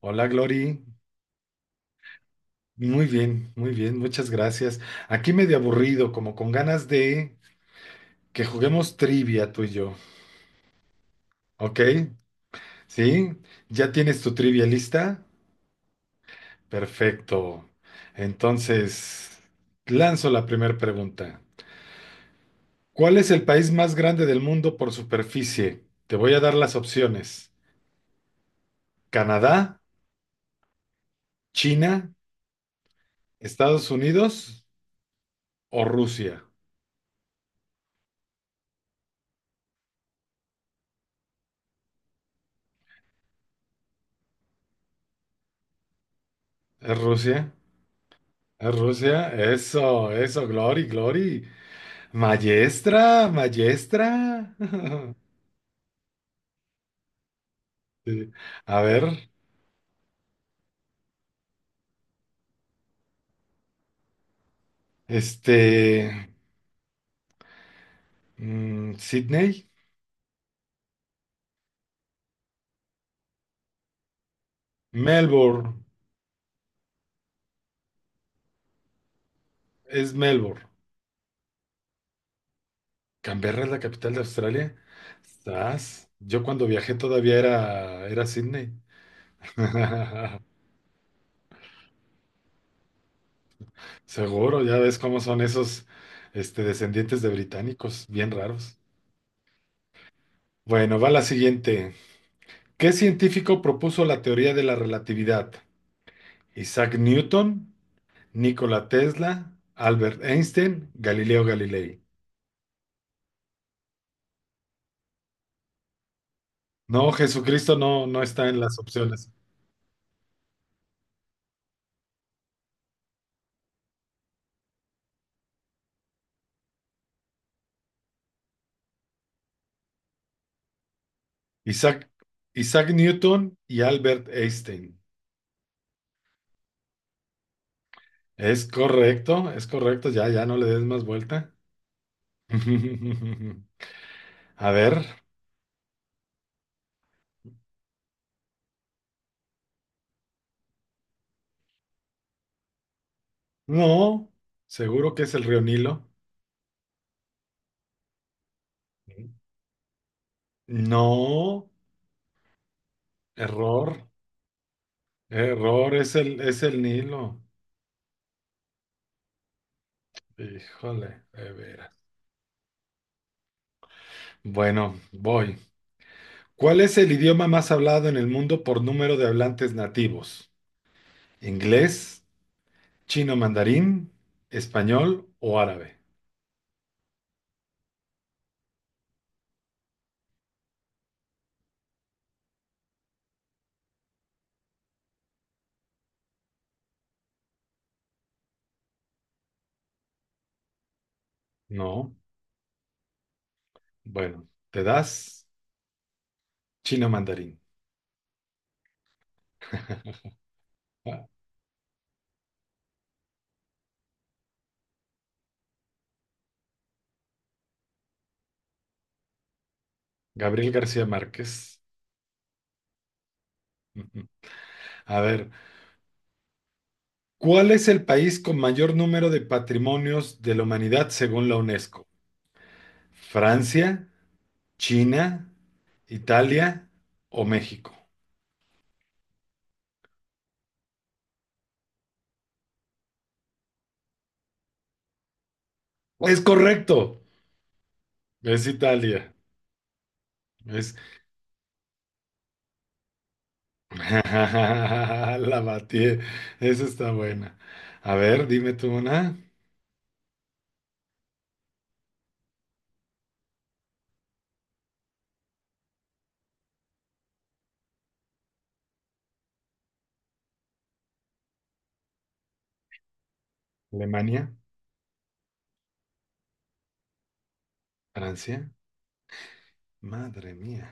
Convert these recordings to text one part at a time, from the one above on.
Hola, Glory. Muy bien, muchas gracias. Aquí medio aburrido, como con ganas de que juguemos trivia tú y yo. ¿Ok? ¿Sí? ¿Ya tienes tu trivia lista? Perfecto. Entonces, lanzo la primera pregunta. ¿Cuál es el país más grande del mundo por superficie? Te voy a dar las opciones. ¿Canadá, China, Estados Unidos o Rusia? ¿Es Rusia? ¿Es Rusia? Eso, Glory, Glory. Maestra, maestra. Sí. A ver, este, Sydney, Melbourne, es Melbourne. Canberra es la capital de Australia. Estás. Yo cuando viajé todavía era Sydney. Seguro, ya ves cómo son esos, descendientes de británicos, bien raros. Bueno, va la siguiente. ¿Qué científico propuso la teoría de la relatividad? ¿Isaac Newton? Nikola Tesla, Albert Einstein, Galileo Galilei. No, Jesucristo no, no está en las opciones. Isaac, Isaac Newton y Albert Einstein. Es correcto, ya, ya no le des más vuelta. A ver, no, seguro que es el río Nilo. No, error, error, es el Nilo. Híjole, de veras. Bueno, voy. ¿Cuál es el idioma más hablado en el mundo por número de hablantes nativos? ¿Inglés, chino mandarín, español o árabe? No, bueno, te das chino mandarín. Ah, Gabriel García Márquez. A ver, ¿cuál es el país con mayor número de patrimonios de la humanidad según la UNESCO? ¿Francia, China, Italia o México? Es correcto, es Italia. Es La batí. Esa está buena. A ver, dime tú una. Alemania, Francia. Madre mía.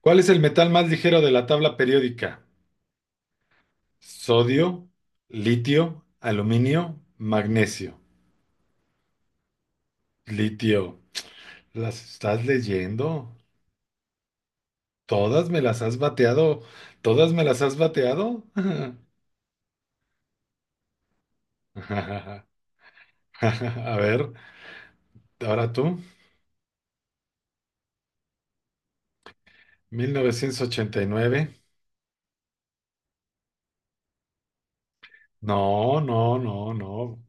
¿Cuál es el metal más ligero de la tabla periódica? Sodio, litio, aluminio, magnesio. Litio. ¿Las estás leyendo? ¿Todas me las has bateado? ¿Todas me las has bateado? A ver, ahora tú. 1989. No, no, no, no.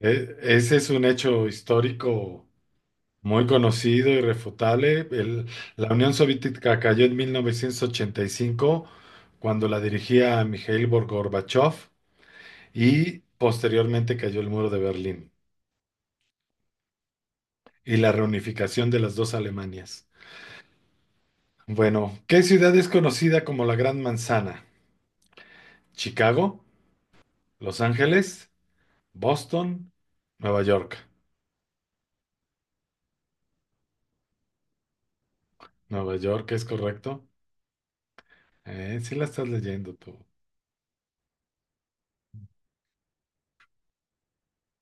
Ese es un hecho histórico muy conocido, irrefutable. La Unión Soviética cayó en 1985 cuando la dirigía Mikhail Gorbachev y posteriormente cayó el muro de Berlín y la reunificación de las dos Alemanias. Bueno, ¿qué ciudad es conocida como la Gran Manzana? Chicago, Los Ángeles, Boston, Nueva York. Nueva York es correcto. Sí la estás leyendo tú.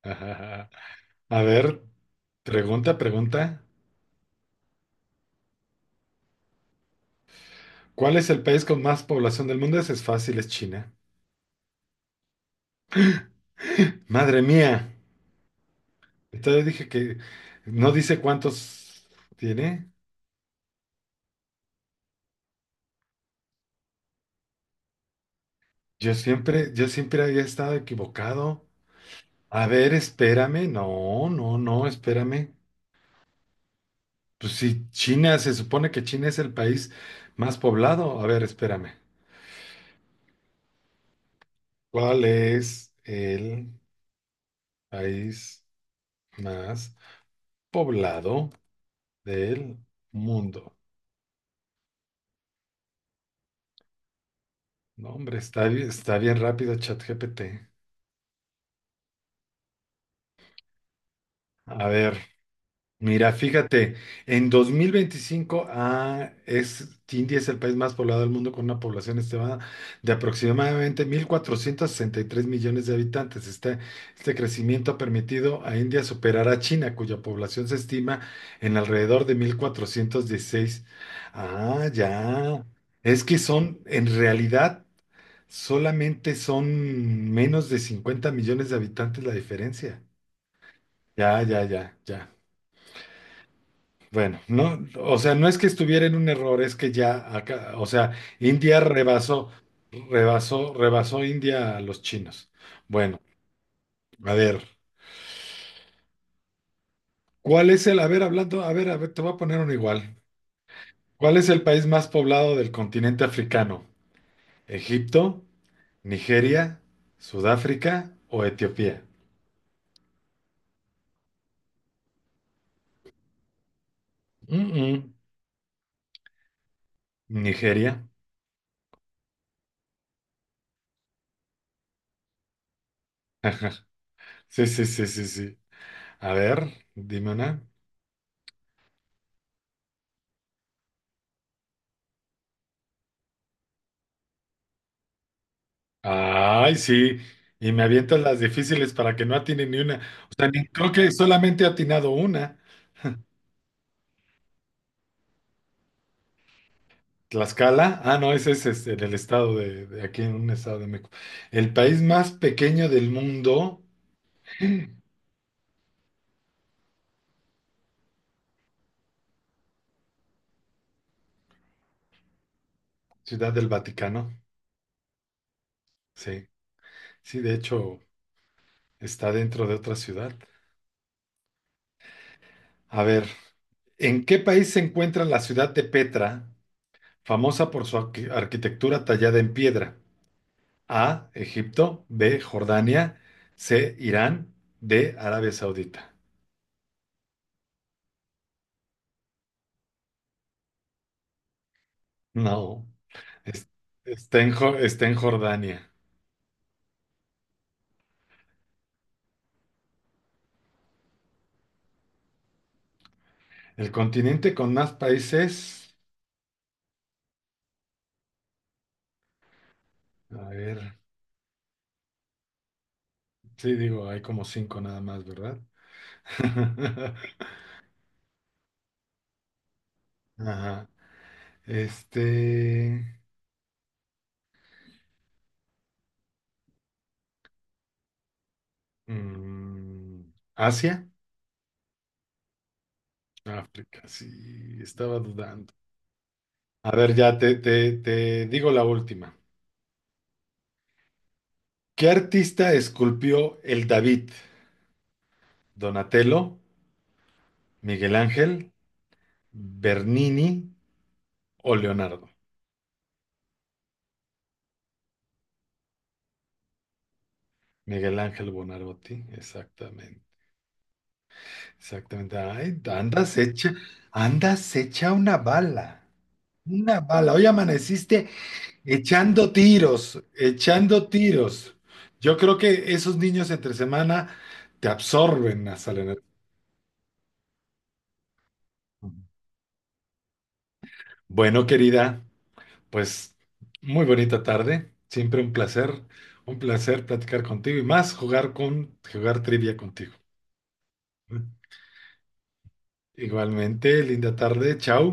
A ver, pregunta, pregunta. ¿Cuál es el país con más población del mundo? Ese es fácil, es China. Madre mía. Entonces dije que no dice cuántos tiene. Yo siempre había estado equivocado. A ver, espérame. No, no, no, espérame. Pues sí, China, se supone que China es el país más poblado. A ver, espérame. ¿Cuál es el país más poblado del mundo? No, hombre, está, está bien rápido ChatGPT. A ver, mira, fíjate, en 2025 ah, es, India es el país más poblado del mundo con una población estimada de aproximadamente 1463 millones de habitantes. Este crecimiento ha permitido a India superar a China, cuya población se estima en alrededor de 1416. Ah, ya. Es que son, en realidad, solamente son menos de 50 millones de habitantes la diferencia. Ya, ya, ya, ya. Bueno, no, o sea, no es que estuviera en un error, es que ya acá, o sea, India rebasó, rebasó, rebasó India a los chinos. Bueno, a ver, a ver, hablando, a ver, te voy a poner uno igual. ¿Cuál es el país más poblado del continente africano? ¿Egipto, Nigeria, Sudáfrica o Etiopía? Mm, mm. Nigeria. Sí, sí, sí, sí, sí. A ver, dime una. Ay, sí. Y me avientas las difíciles para que no atine ni una. O sea, creo que solamente he atinado una. Tlaxcala. Ah, no, ese es este, en el estado de aquí en un estado de México. El país más pequeño del mundo, Ciudad del Vaticano. Sí, sí, de hecho, está dentro de otra ciudad. A ver, ¿en qué país se encuentra la ciudad de Petra, famosa por su arquitectura tallada en piedra? A. Egipto. B. Jordania. C. Irán. D. Arabia Saudita. No, es- está en Jordania. El continente con más países. A ver, sí, digo, hay como cinco nada más, ¿verdad? Ajá. Este. mm, Asia. África, sí, estaba dudando. A ver, ya te digo la última. ¿Qué artista esculpió el David? ¿Donatello? Miguel Ángel, Bernini o Leonardo. Miguel Ángel Buonarroti, exactamente, exactamente. Ay, andas hecha una bala, una bala. Hoy amaneciste echando tiros, echando tiros. Yo creo que esos niños entre semana te absorben hasta la energía. Bueno, querida, pues muy bonita tarde, siempre un placer platicar contigo y más jugar trivia contigo. Igualmente, linda tarde, chao.